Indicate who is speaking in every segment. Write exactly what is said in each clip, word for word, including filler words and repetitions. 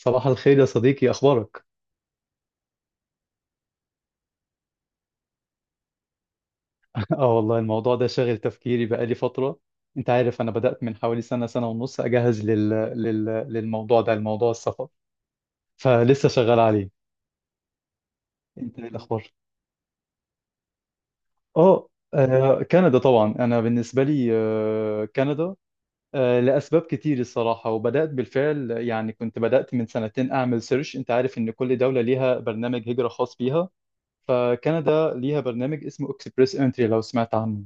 Speaker 1: صباح الخير يا صديقي، اخبارك؟ اه والله الموضوع ده شاغل تفكيري بقالي فتره. انت عارف انا بدات من حوالي سنه، سنه ونص اجهز لل... لل... للموضوع ده، الموضوع السفر، فلسه شغال عليه. انت ايه الاخبار؟ اه آه، كندا طبعا. انا بالنسبه لي آه، كندا، آه، لاسباب كتير الصراحه. وبدات بالفعل، يعني كنت بدات من سنتين اعمل سيرش. انت عارف ان كل دوله ليها برنامج هجره خاص بيها. فكندا ليها برنامج اسمه اكسبريس انتري، لو سمعت عنه.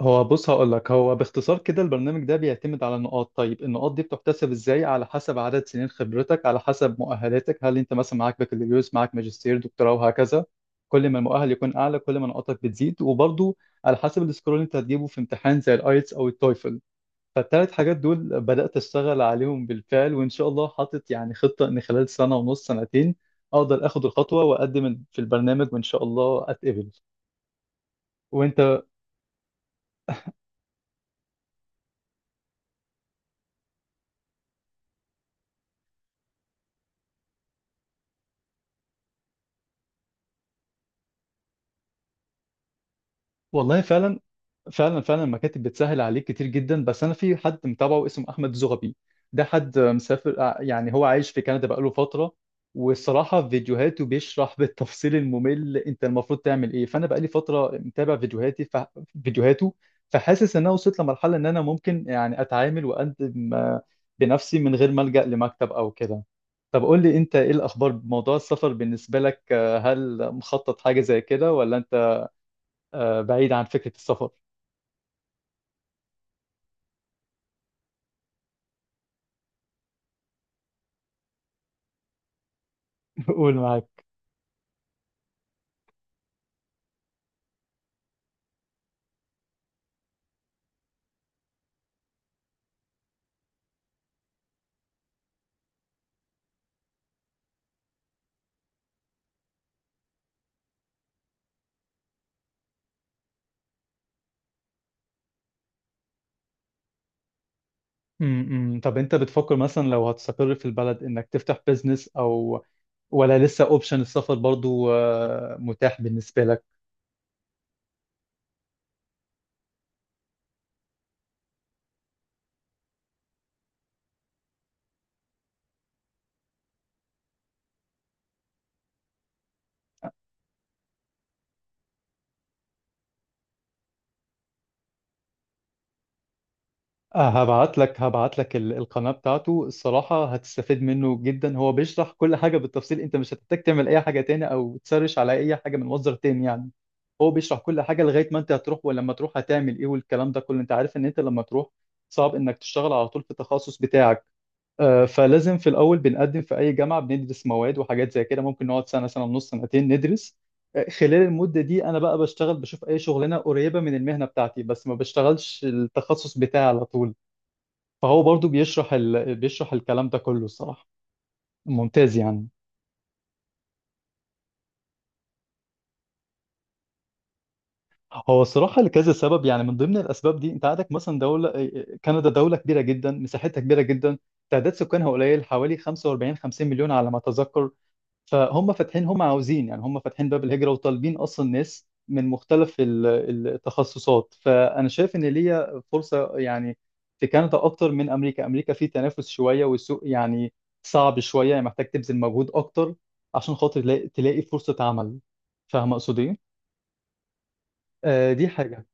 Speaker 1: هو بص، هقول لك، هو باختصار كده البرنامج ده بيعتمد على نقاط. طيب النقاط دي بتحتسب ازاي؟ على حسب عدد سنين خبرتك، على حسب مؤهلاتك، هل انت مثلا معاك بكالوريوس، معاك ماجستير، دكتوراه، وهكذا. كل ما المؤهل يكون اعلى كل ما نقاطك بتزيد. وبرضو على حسب السكور اللي انت هتجيبه في امتحان زي الايتس او التويفل. فالثلاث حاجات دول بدأت اشتغل عليهم بالفعل، وان شاء الله حاطط يعني خطة ان خلال سنة ونص، سنتين، اقدر اخد الخطوة واقدم في البرنامج وان شاء الله اتقبل. وانت؟ والله فعلا، فعلا، فعلا المكاتب بتسهل عليك كتير جدا، بس انا في حد متابعه اسمه احمد زغبي. ده حد مسافر، آه، يعني هو عايش في كندا بقاله فتره. والصراحه فيديوهاته بيشرح بالتفصيل الممل انت المفروض تعمل ايه. فانا بقالي فتره متابع فيديوهاتي ف... فيديوهاته. فحاسس ان انا وصلت لمرحله ان انا ممكن يعني اتعامل واقدم آه، بنفسي من غير ما الجا لمكتب او كده. طب قول لي انت ايه الاخبار بموضوع السفر بالنسبه لك؟ آه، هل مخطط حاجه زي كده ولا آه، بعيد عن فكرة السفر؟ قول، معاك. امم طب انت بتفكر مثلا لو هتستقر في البلد انك تفتح بيزنس، او ولا لسه اوبشن السفر برضو آه، متاح بالنسبة لك؟ آه، هبعت لك، هبعت لك ال- القناة بتاعته. الصراحة هتستفيد منه جدا، هو بيشرح كل حاجة بالتفصيل. انت مش هتحتاج تعمل اي حاجة تاني او تسرش على اي حاجة من مصدر تاني يعني. هو بيشرح كل حاجة لغاية ما انت هتروح، ولما تروح هتعمل ايه، والكلام ده كله. انت عارف ان انت لما تروح صعب انك تشتغل على طول في التخصص بتاعك. آه، فلازم في الاول بنقدم في اي جامعه، بندرس مواد وحاجات زي كده، ممكن نقعد سنه، سنه ونص، سنتين ندرس. آه، خلال المده دي انا بقى بشتغل، بشوف اي شغلانه قريبه من المهنه بتاعتي، بس ما بشتغلش التخصص بتاعي على طول. فهو برضو بيشرح ال... بيشرح الكلام ده كله الصراحه، ممتاز يعني. هو الصراحه لكذا سبب. يعني من ضمن الاسباب دي انت عندك مثلا دوله، آه، آه، كندا دوله كبيره جدا، مساحتها كبيره جدا، تعداد سكانها قليل حوالي خمسة واربعين خمسين مليون على ما اتذكر. فهم فاتحين، هم عاوزين، يعني هم فاتحين باب الهجرة وطالبين أصلا ناس من مختلف ال- التخصصات. فأنا شايف إن ليا فرصة يعني في كندا أكتر من أمريكا. أمريكا فيه تنافس شوية، والسوق يعني صعب شوية، يعني محتاج تبذل مجهود أكتر عشان خاطر تلاقي، تلاقي فرصة عمل. فاهم أقصد إيه؟ آه، دي حاجة.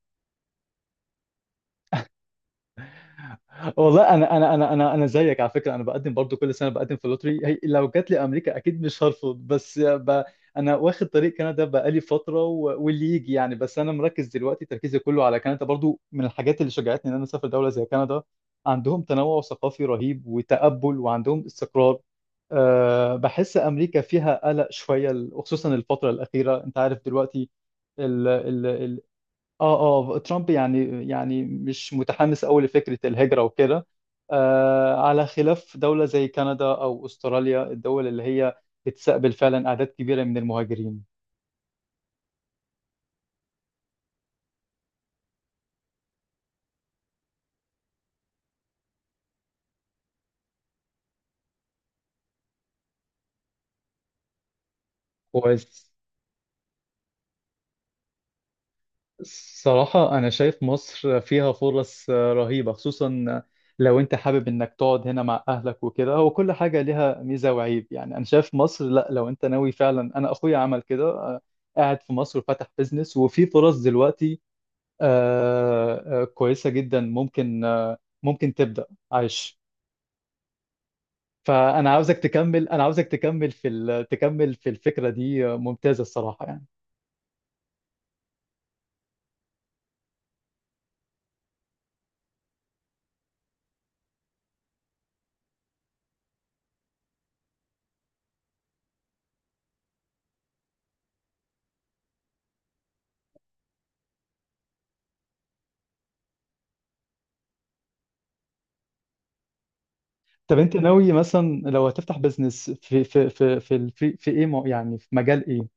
Speaker 1: والله انا انا انا انا انا زيك على فكره، انا بقدم برضو كل سنه بقدم في لوتري، هي لو جات لي امريكا اكيد مش هرفض، بس ب... انا واخد طريق كندا بقالي فتره و... واللي يجي يعني. بس انا مركز دلوقتي، تركيزي كله على كندا. برضو من الحاجات اللي شجعتني ان انا اسافر دوله زي كندا عندهم تنوع ثقافي رهيب وتقبل، وعندهم استقرار. أه بحس امريكا فيها قلق شويه خصوصا الفتره الاخيره، انت عارف دلوقتي، اه اه ترامب يعني، يعني مش متحمس قوي لفكرة الهجرة وكده. آه على خلاف دولة زي كندا او استراليا، الدول اللي هي بتستقبل فعلا اعداد كبيرة من المهاجرين. كويس. الصراحة أنا شايف مصر فيها فرص رهيبة، خصوصا لو أنت حابب إنك تقعد هنا مع أهلك وكده. هو كل حاجة ليها ميزة وعيب، يعني أنا شايف مصر، لأ، لو أنت ناوي فعلا، أنا أخويا عمل كده، آه، قاعد في مصر وفتح بيزنس، وفي فرص دلوقتي آه، آه، كويسة جدا، ممكن آه، ممكن تبدأ عايش. فأنا عاوزك تكمل، أنا عاوزك تكمل في ال- تكمل في الفكرة دي، آه، ممتازة الصراحة يعني. طب أنت ناوي مثلا لو هتفتح بزنس في في في في في, في, إيه، مو- يعني في مجال إيه؟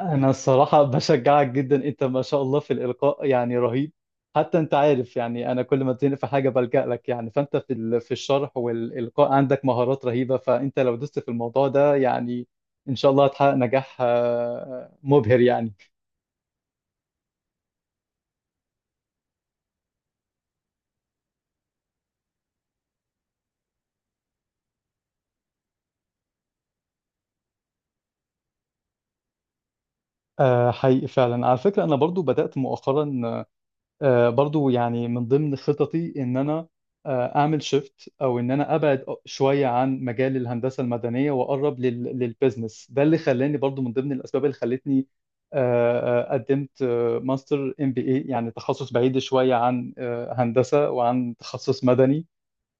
Speaker 1: انا الصراحه بشجعك جدا، انت ما شاء الله في الالقاء يعني رهيب. حتى انت عارف يعني انا كل ما بتزنق في حاجه بلجأ لك يعني. فانت في ال- في الشرح والالقاء عندك مهارات رهيبه، فانت لو دوست في الموضوع ده يعني ان شاء الله هتحقق نجاح آه، مبهر يعني. آه، حقيقي فعلا. على فكره انا برضو بدأت مؤخرا، آه، برضو يعني من ضمن خططي ان انا آه، اعمل شيفت، او ان انا ابعد شويه عن مجال الهندسه المدنيه واقرب لل- للبيزنس ده. اللي خلاني برضو من ضمن الاسباب اللي خلتني آه، آه، قدمت آه، ماستر ام بي اي، يعني تخصص بعيد شويه عن آه، هندسه وعن تخصص مدني.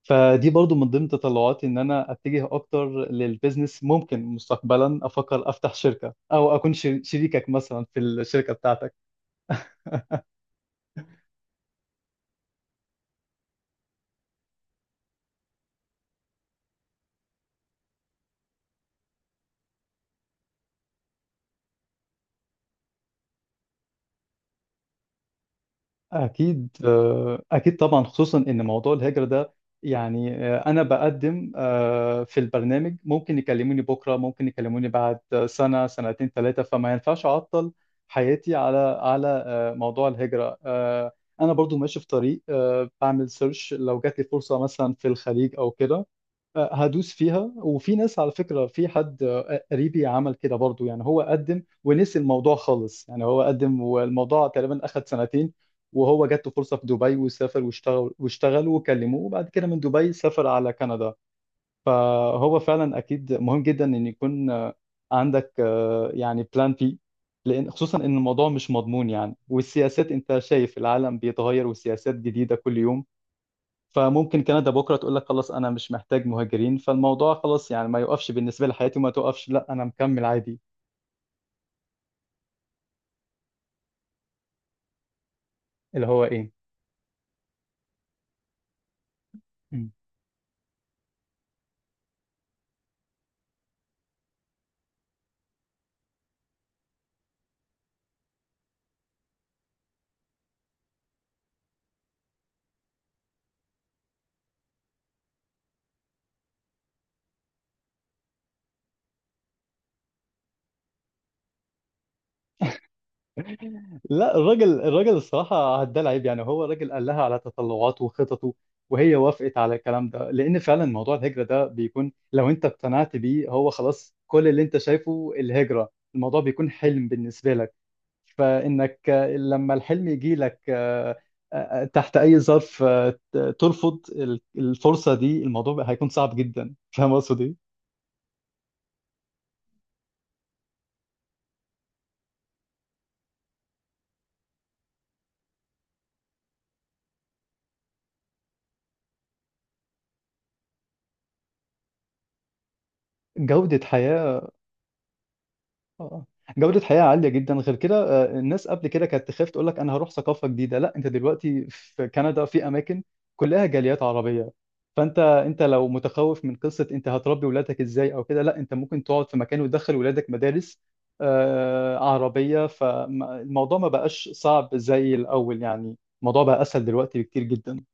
Speaker 1: فدي برضو من ضمن تطلعاتي ان انا اتجه اكتر للبيزنس. ممكن مستقبلا افكر افتح شركه، او اكون شر- شريكك مثلا في الشركه بتاعتك. أكيد، آه، أكيد طبعا. خصوصا إن موضوع الهجرة ده يعني، آه، أنا بقدم آه، في البرنامج، ممكن يكلموني بكرة، ممكن يكلموني بعد سنة، سنتين، ثلاثة، فما ينفعش أعطل حياتي على على آه، موضوع الهجرة. آه، أنا برضو ماشي في طريق، آه، بعمل سيرش لو جات لي فرصة مثلا في الخليج أو كده هدوس فيها. وفي ناس، على فكرة، في حد قريبي عمل كده برضو يعني، هو قدم ونسي الموضوع خالص يعني، هو قدم والموضوع تقريبا أخد سنتين، وهو جات له فرصة في دبي وسافر واشتغل، واشتغل وكلموه وبعد كده من دبي سافر على كندا. فهو فعلا أكيد مهم جدا إن يكون عندك آه، يعني بلان بي. لأن خصوصا إن الموضوع مش مضمون يعني، والسياسات أنت شايف العالم بيتغير والسياسات جديدة كل يوم. فممكن كندا بكره تقول لك خلاص انا مش محتاج مهاجرين، فالموضوع خلاص يعني ما يوقفش بالنسبه لحياتي وما توقفش، لا انا مكمل عادي. اللي هو ايه؟ مم. لا، الراجل، الراجل الصراحه ده العيب يعني، هو الراجل قال لها على تطلعاته وخططه، وهي وافقت على الكلام ده. لان فعلا موضوع الهجره ده بيكون لو انت اقتنعت بيه هو خلاص كل اللي انت شايفه الهجره، الموضوع بيكون حلم بالنسبه لك. فإنك لما الحلم يجي لك آه، آه، آه، تحت أي ظرف آه، ترفض الفرصة دي، الموضوع هيكون صعب جدا. فاهم قصدي؟ جودة حياة. اه آه. جودة حياة عالية جدا. غير كده آه، الناس قبل كده كانت تخاف تقول لك انا هروح ثقافة جديدة، لا، انت دلوقتي في كندا في اماكن كلها جاليات عربية. فانت، انت لو متخوف من قصة انت هتربي ولادك ازاي او كده، لا انت ممكن تقعد في مكان وتدخل ولادك مدارس آه، عربية. فالموضوع ما بقاش صعب زي الاول يعني، الموضوع بقى اسهل دلوقتي بكتير جدا.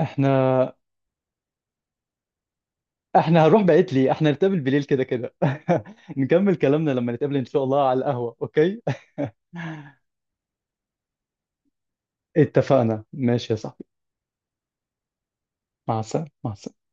Speaker 1: احنا احنا هنروح بعيد ليه؟ احنا نتقابل بالليل كده كده نكمل كلامنا لما نتقابل ان شاء الله على القهوة، اوكي؟ اتفقنا، ماشي يا صاحبي. مع السلامة، مع السلامة.